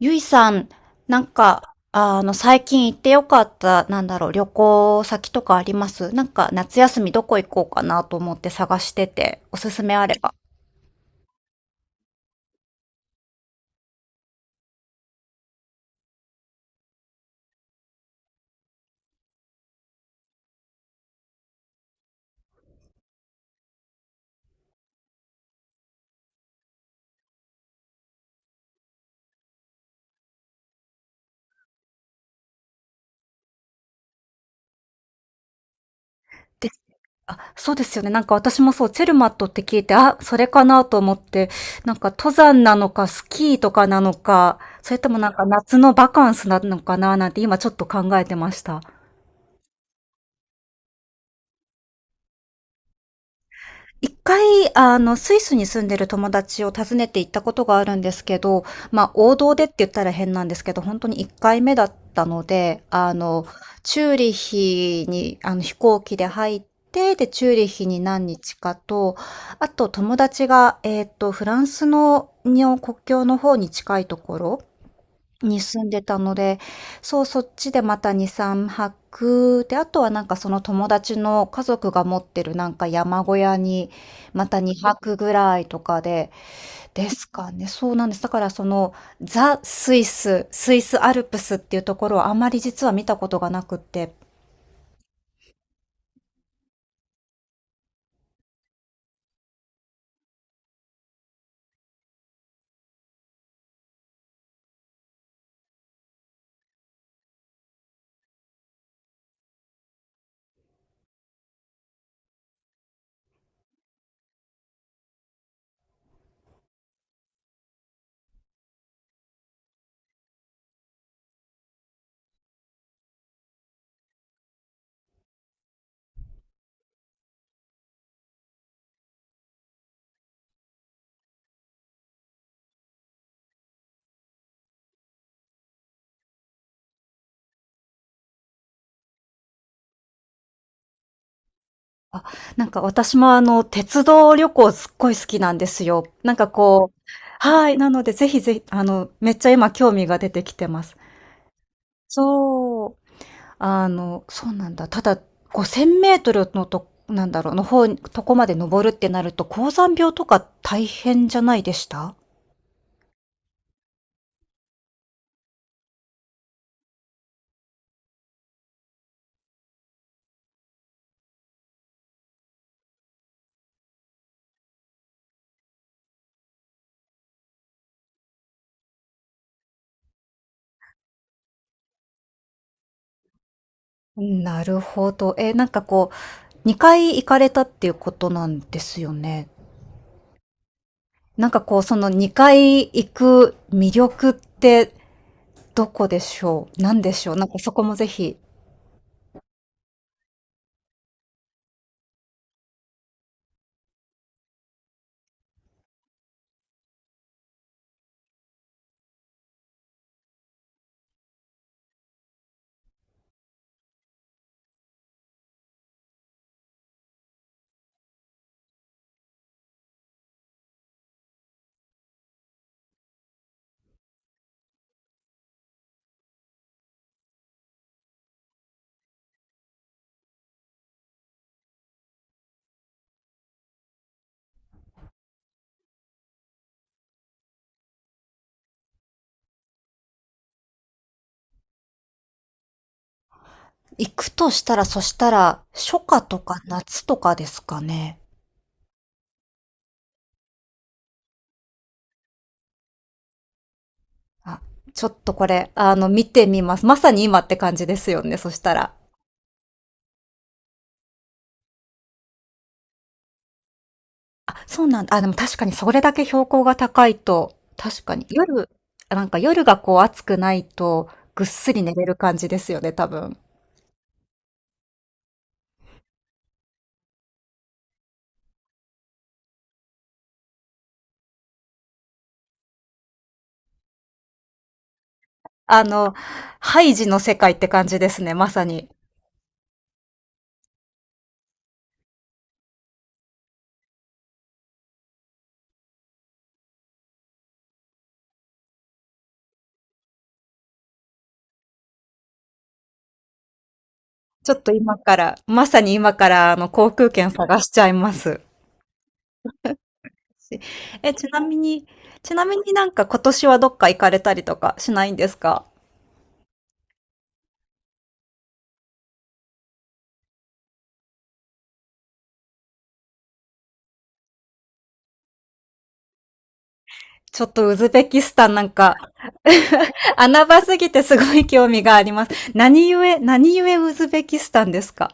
ゆいさん、最近行ってよかった、旅行先とかあります？なんか、夏休みどこ行こうかなと思って探してて、おすすめあれば。で、そうですよね。なんか私もそう、チェルマットって聞いて、あ、それかなと思って、なんか登山なのか、スキーとかなのか、それともなんか夏のバカンスなのかななんて今ちょっと考えてました。一回、あの、スイスに住んでる友達を訪ねて行ったことがあるんですけど、まあ、王道でって言ったら変なんですけど、本当に1回目だったので、あの、チューリッヒに、あの、飛行機で入って、で、チューリッヒに何日かと、あと友達が、フランスの国境の方に近いところに住んでたので、そう、そっちでまた2、3泊、で、あとはなんかその友達の家族が持ってるなんか山小屋に、また2泊ぐらいとかで、ですかね。そうなんです。だからその、ザ・スイス、スイスアルプスっていうところはあまり実は見たことがなくって、あ、なんか私もあの、鉄道旅行すっごい好きなんですよ。なんかこう、はい、なのでぜひぜひ、あの、めっちゃ今興味が出てきてます。そう。あの、そうなんだ。ただ、5000メートルのと、の方、とこまで登るってなると、高山病とか大変じゃないでした？なるほど。えー、なんかこう、2回行かれたっていうことなんですよね。なんかこう、その2回行く魅力ってどこでしょう？なんでしょう？なんかそこもぜひ。行くとしたら、そしたら、初夏とか夏とかですかね。あ、ちょっとこれ、あの、見てみます。まさに今って感じですよね、そしたら。あ、そうなんだ。あ、でも確かにそれだけ標高が高いと、確かに夜、あ、なんか夜がこう暑くないと、ぐっすり寝れる感じですよね、多分。あの、ハイジの世界って感じですね、まさに。ちょっと今から、まさに今から、あの、航空券探しちゃいます。え、ちなみに、ちなみになんか今年はどっか行かれたりとかしないんですか？ちょっとウズベキスタン、なんか 穴場すぎてすごい興味があります。何故ウズベキスタンですか？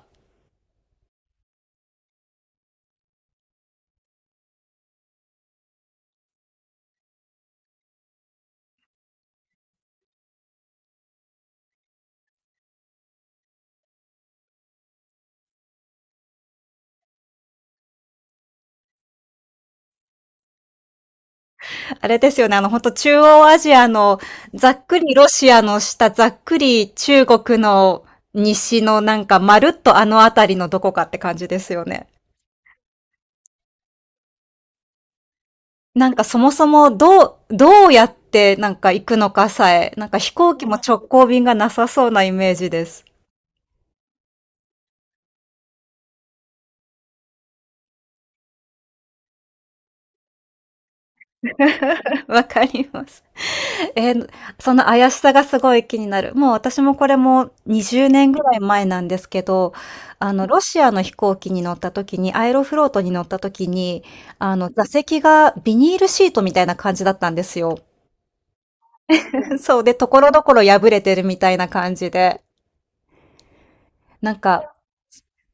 あれですよね、あの、本当中央アジアの、ざっくりロシアの下、ざっくり中国の西のなんか、まるっとあの辺りのどこかって感じですよね。なんかそもそもどうやってなんか行くのかさえ、なんか飛行機も直行便がなさそうなイメージです。わかります。えー、その怪しさがすごい気になる。もう私もこれも20年ぐらい前なんですけど、あの、ロシアの飛行機に乗った時に、アエロフロートに乗った時に、あの、座席がビニールシートみたいな感じだったんですよ。そうで、ところどころ破れてるみたいな感じで。なんか、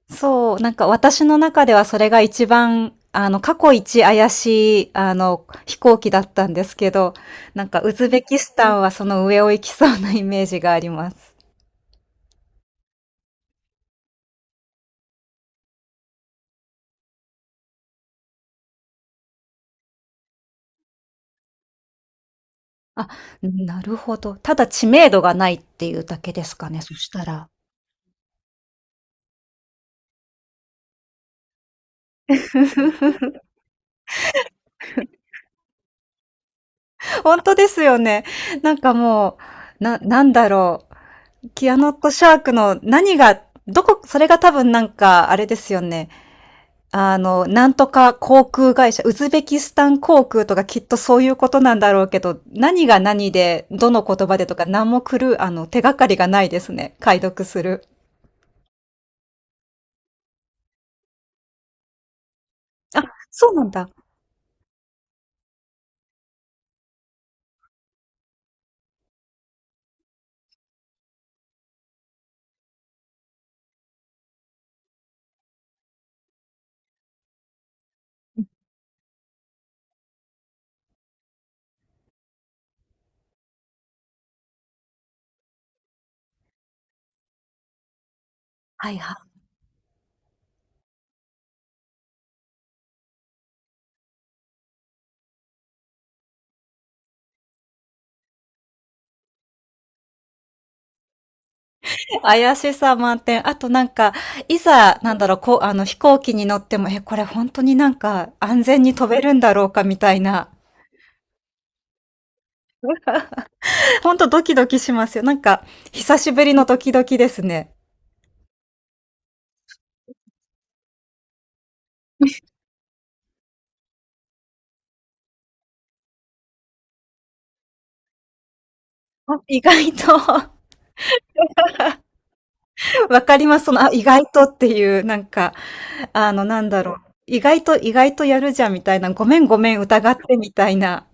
そう、なんか私の中ではそれが一番、あの、過去一怪しい、あの、飛行機だったんですけど、なんかウズベキスタンはその上を行きそうなイメージがあります。あ、なるほど。ただ知名度がないっていうだけですかね、そしたら。ほんとですよね。なんかもう、なんだろう。キアノットシャークの何が、どこ、それが多分なんか、あれですよね。あの、なんとか航空会社、ウズベキスタン航空とかきっとそういうことなんだろうけど、何が何で、どの言葉でとか、何も来る、あの、手がかりがないですね。解読する。あ、そうなんだ。はいはい。怪しさ満点。あとなんか、いざ、飛行機に乗っても、え、これ本当になんか、安全に飛べるんだろうか、みたいな。本当ドキドキしますよ。なんか、久しぶりのドキドキですね。あ、意外と わかります。その、あ、意外とっていう、あの、なんだろう。意外と、意外とやるじゃんみたいな、ごめんごめん疑ってみたいな。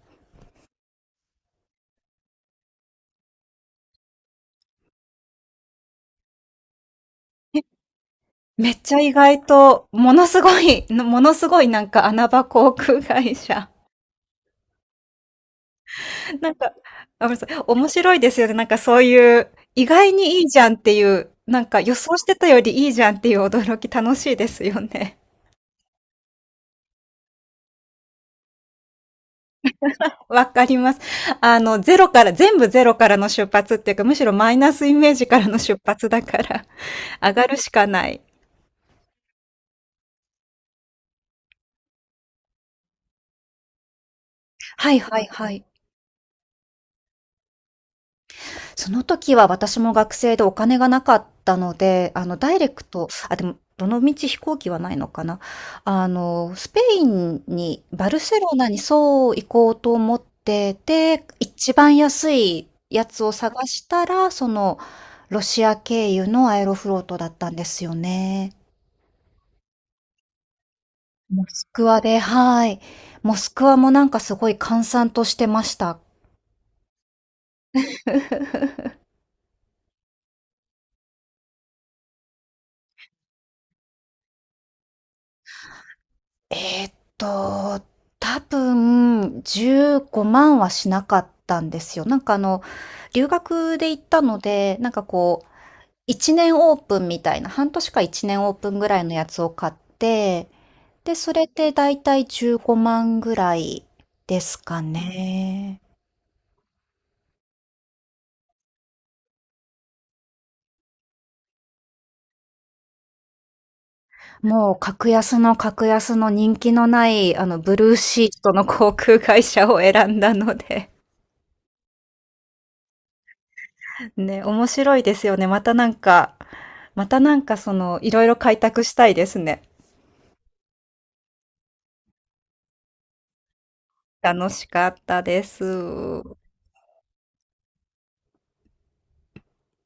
めっちゃ意外と、ものすごい、ものすごいなんか穴場航空会社。なんか、あ、ごめんなさい、面白いですよね。なんかそういう、意外にいいじゃんっていう、なんか予想してたよりいいじゃんっていう驚き楽しいですよね。わかります。あの、ゼロから、全部ゼロからの出発っていうか、むしろマイナスイメージからの出発だから、上がるしかない。はいはいはい。その時は私も学生でお金がなかったので、あの、ダイレクト、あ、でも、どのみち飛行機はないのかな。あの、スペインに、バルセロナにそう行こうと思ってて、一番安いやつを探したら、その、ロシア経由のアエロフロートだったんですよね。モスクワで、はい。モスクワもなんかすごい閑散としてました。えーっと、多分15万はしなかったんですよ。なんかあの、留学で行ったので、なんかこう、1年オープンみたいな、半年か1年オープンぐらいのやつを買って、で、それでだいたい15万ぐらいですかね。もう格安の格安の人気のない、あの、ブルーシートの航空会社を選んだのでね、面白いですよね。またなんかその、いろいろ開拓したいですね。楽しかったです。